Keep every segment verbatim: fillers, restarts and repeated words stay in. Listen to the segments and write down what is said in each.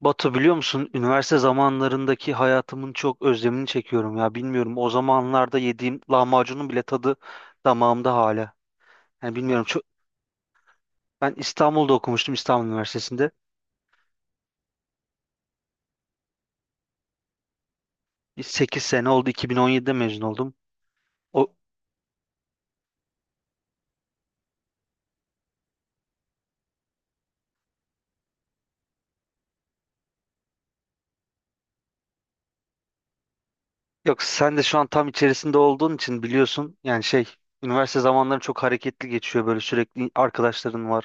Batu biliyor musun? Üniversite zamanlarındaki hayatımın çok özlemini çekiyorum ya. Bilmiyorum o zamanlarda yediğim lahmacunun bile tadı damağımda hala. Yani bilmiyorum çok. Ben İstanbul'da okumuştum İstanbul Üniversitesi'nde. Sekiz sene oldu, iki bin on yedide mezun oldum. O Yok, sen de şu an tam içerisinde olduğun için biliyorsun. Yani şey üniversite zamanları çok hareketli geçiyor, böyle sürekli arkadaşların var.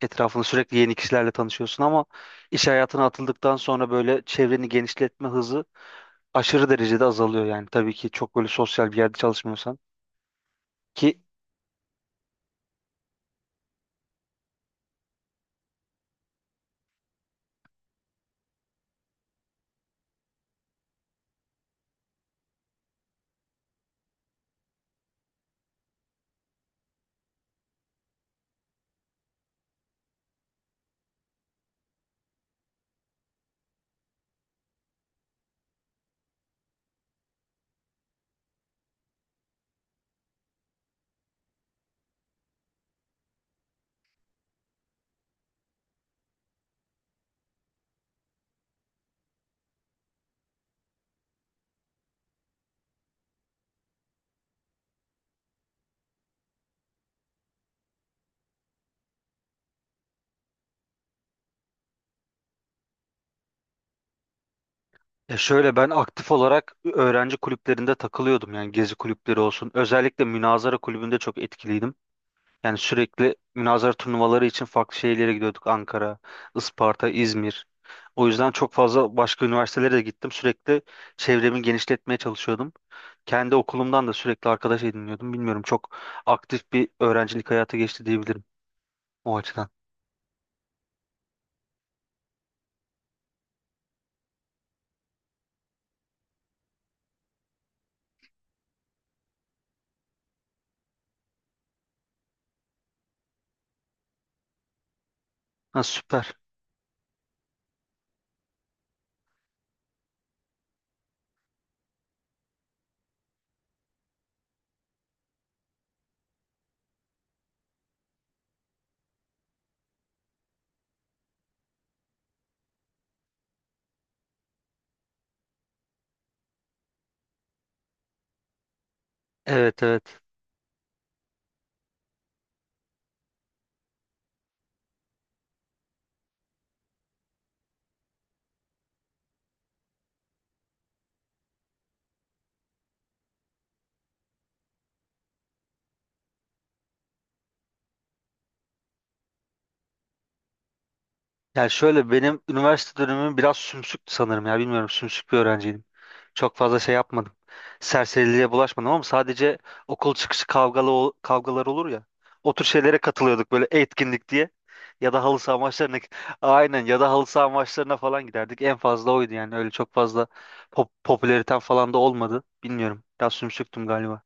Etrafında sürekli yeni kişilerle tanışıyorsun ama iş hayatına atıldıktan sonra böyle çevreni genişletme hızı aşırı derecede azalıyor, yani tabii ki çok böyle sosyal bir yerde çalışmıyorsan ki ya şöyle, ben aktif olarak öğrenci kulüplerinde takılıyordum, yani gezi kulüpleri olsun, özellikle münazara kulübünde çok etkiliydim, yani sürekli münazara turnuvaları için farklı şehirlere gidiyorduk. Ankara, Isparta, İzmir, o yüzden çok fazla başka üniversitelere de gittim, sürekli çevremi genişletmeye çalışıyordum, kendi okulumdan da sürekli arkadaş ediniyordum. Bilmiyorum, çok aktif bir öğrencilik hayatı geçti diyebilirim o açıdan. Ha, süper. Evet, evet. Yani şöyle, benim üniversite dönemim biraz sümsüktü sanırım ya, bilmiyorum, sümsük bir öğrenciydim. Çok fazla şey yapmadım. Serseriliğe bulaşmadım ama sadece okul çıkışı kavgalı ol- kavgalar olur ya. O tür şeylere katılıyorduk böyle, etkinlik diye. Ya da halı saha maçlarına aynen, ya da halı saha maçlarına falan giderdik. En fazla oydu, yani öyle çok fazla pop popülaritem falan da olmadı. Bilmiyorum, biraz sümsüktüm galiba.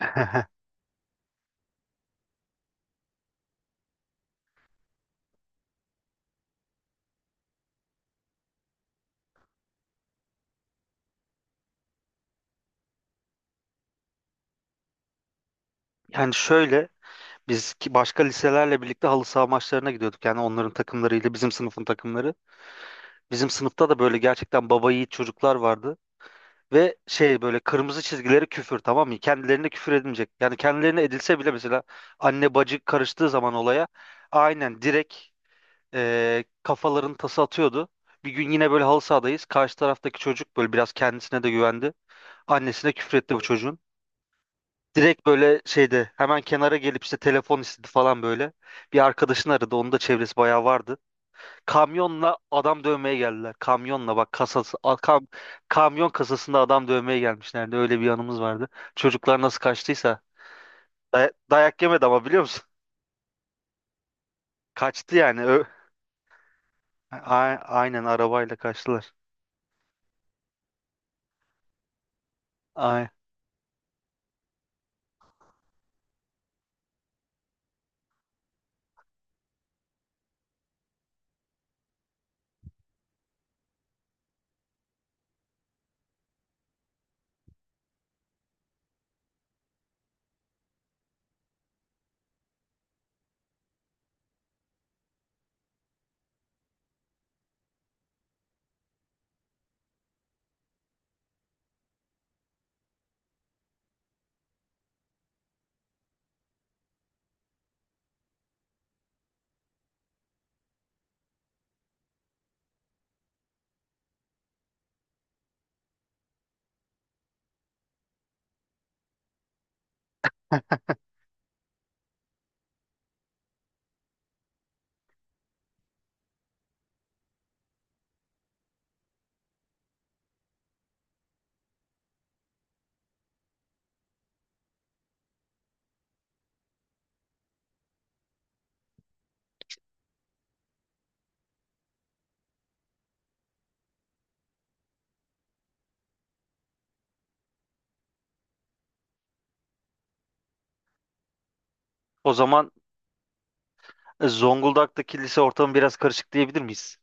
Yani şöyle, biz ki başka liselerle birlikte halı saha maçlarına gidiyorduk. Yani onların takımlarıyla bizim sınıfın takımları. Bizim sınıfta da böyle gerçekten baba yiğit çocuklar vardı. Ve şey böyle kırmızı çizgileri küfür, tamam mı? Kendilerine küfür edilmeyecek. Yani kendilerine edilse bile, mesela anne bacı karıştığı zaman olaya aynen direkt e, kafaların tası atıyordu. Bir gün yine böyle halı sahadayız. Karşı taraftaki çocuk böyle biraz kendisine de güvendi. Annesine küfretti bu çocuğun. Direkt böyle şeyde hemen kenara gelip işte telefon istedi falan böyle. Bir arkadaşını aradı. Onun da çevresi bayağı vardı. Kamyonla adam dövmeye geldiler. Kamyonla bak, kasası a- kam, kamyon kasasında adam dövmeye gelmişlerdi. Öyle bir yanımız vardı. Çocuklar nasıl kaçtıysa day- dayak yemedi ama biliyor musun? Kaçtı yani. Ö- A- aynen, arabayla kaçtılar. Ay. O zaman e, Zonguldak'taki lise ortamı biraz karışık diyebilir miyiz?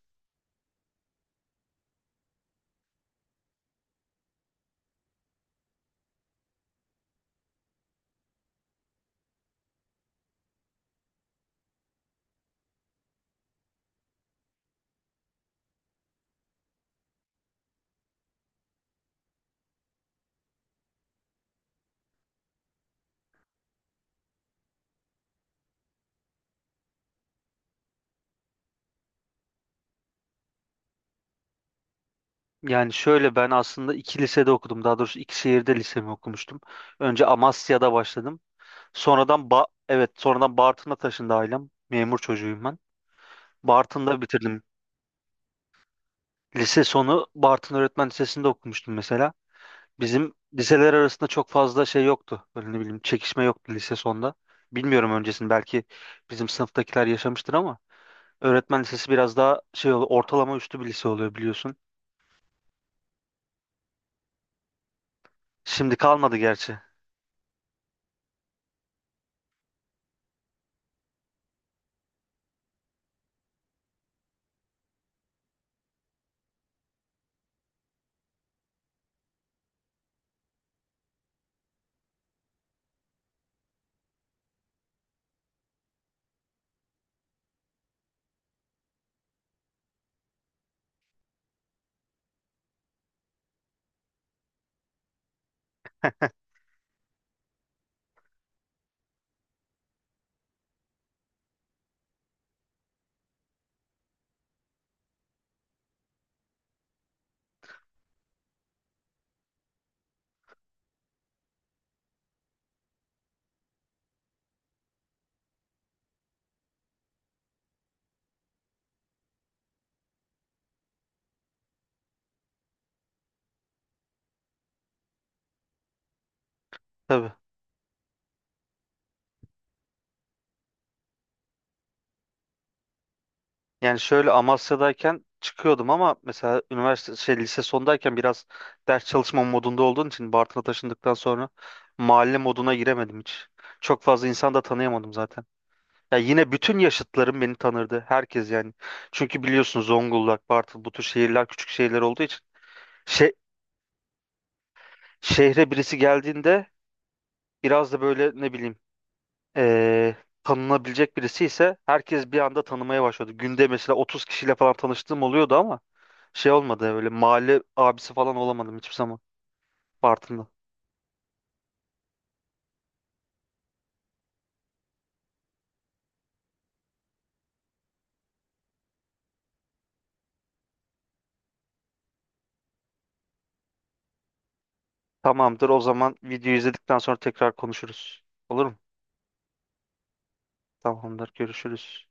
Yani şöyle, ben aslında iki lisede okudum. Daha doğrusu iki şehirde lisemi okumuştum. Önce Amasya'da başladım. Sonradan ba evet, sonradan Bartın'a taşındı ailem. Memur çocuğuyum ben. Bartın'da bitirdim. Lise sonu Bartın Öğretmen Lisesi'nde okumuştum mesela. Bizim liseler arasında çok fazla şey yoktu. Böyle ne bileyim, çekişme yoktu lise sonunda. Bilmiyorum öncesini, belki bizim sınıftakiler yaşamıştır ama öğretmen lisesi biraz daha şey oluyor, ortalama üstü bir lise oluyor biliyorsun. Şimdi kalmadı gerçi. Tabii. Yani şöyle, Amasya'dayken çıkıyordum ama mesela üniversite şey lise sondayken biraz ders çalışma modunda olduğun için Bartın'a taşındıktan sonra mahalle moduna giremedim hiç. Çok fazla insan da tanıyamadım zaten. Ya yine bütün yaşıtlarım beni tanırdı. Herkes yani. Çünkü biliyorsun Zonguldak, Bartın bu tür şehirler küçük şehirler olduğu için şe şehre birisi geldiğinde biraz da böyle ne bileyim, eee, tanınabilecek birisi ise herkes bir anda tanımaya başladı. Günde mesela otuz kişiyle falan tanıştığım oluyordu ama şey olmadı, öyle mahalle abisi falan olamadım hiçbir zaman Bartın'da. Tamamdır, o zaman videoyu izledikten sonra tekrar konuşuruz. Olur mu? Tamamdır, görüşürüz.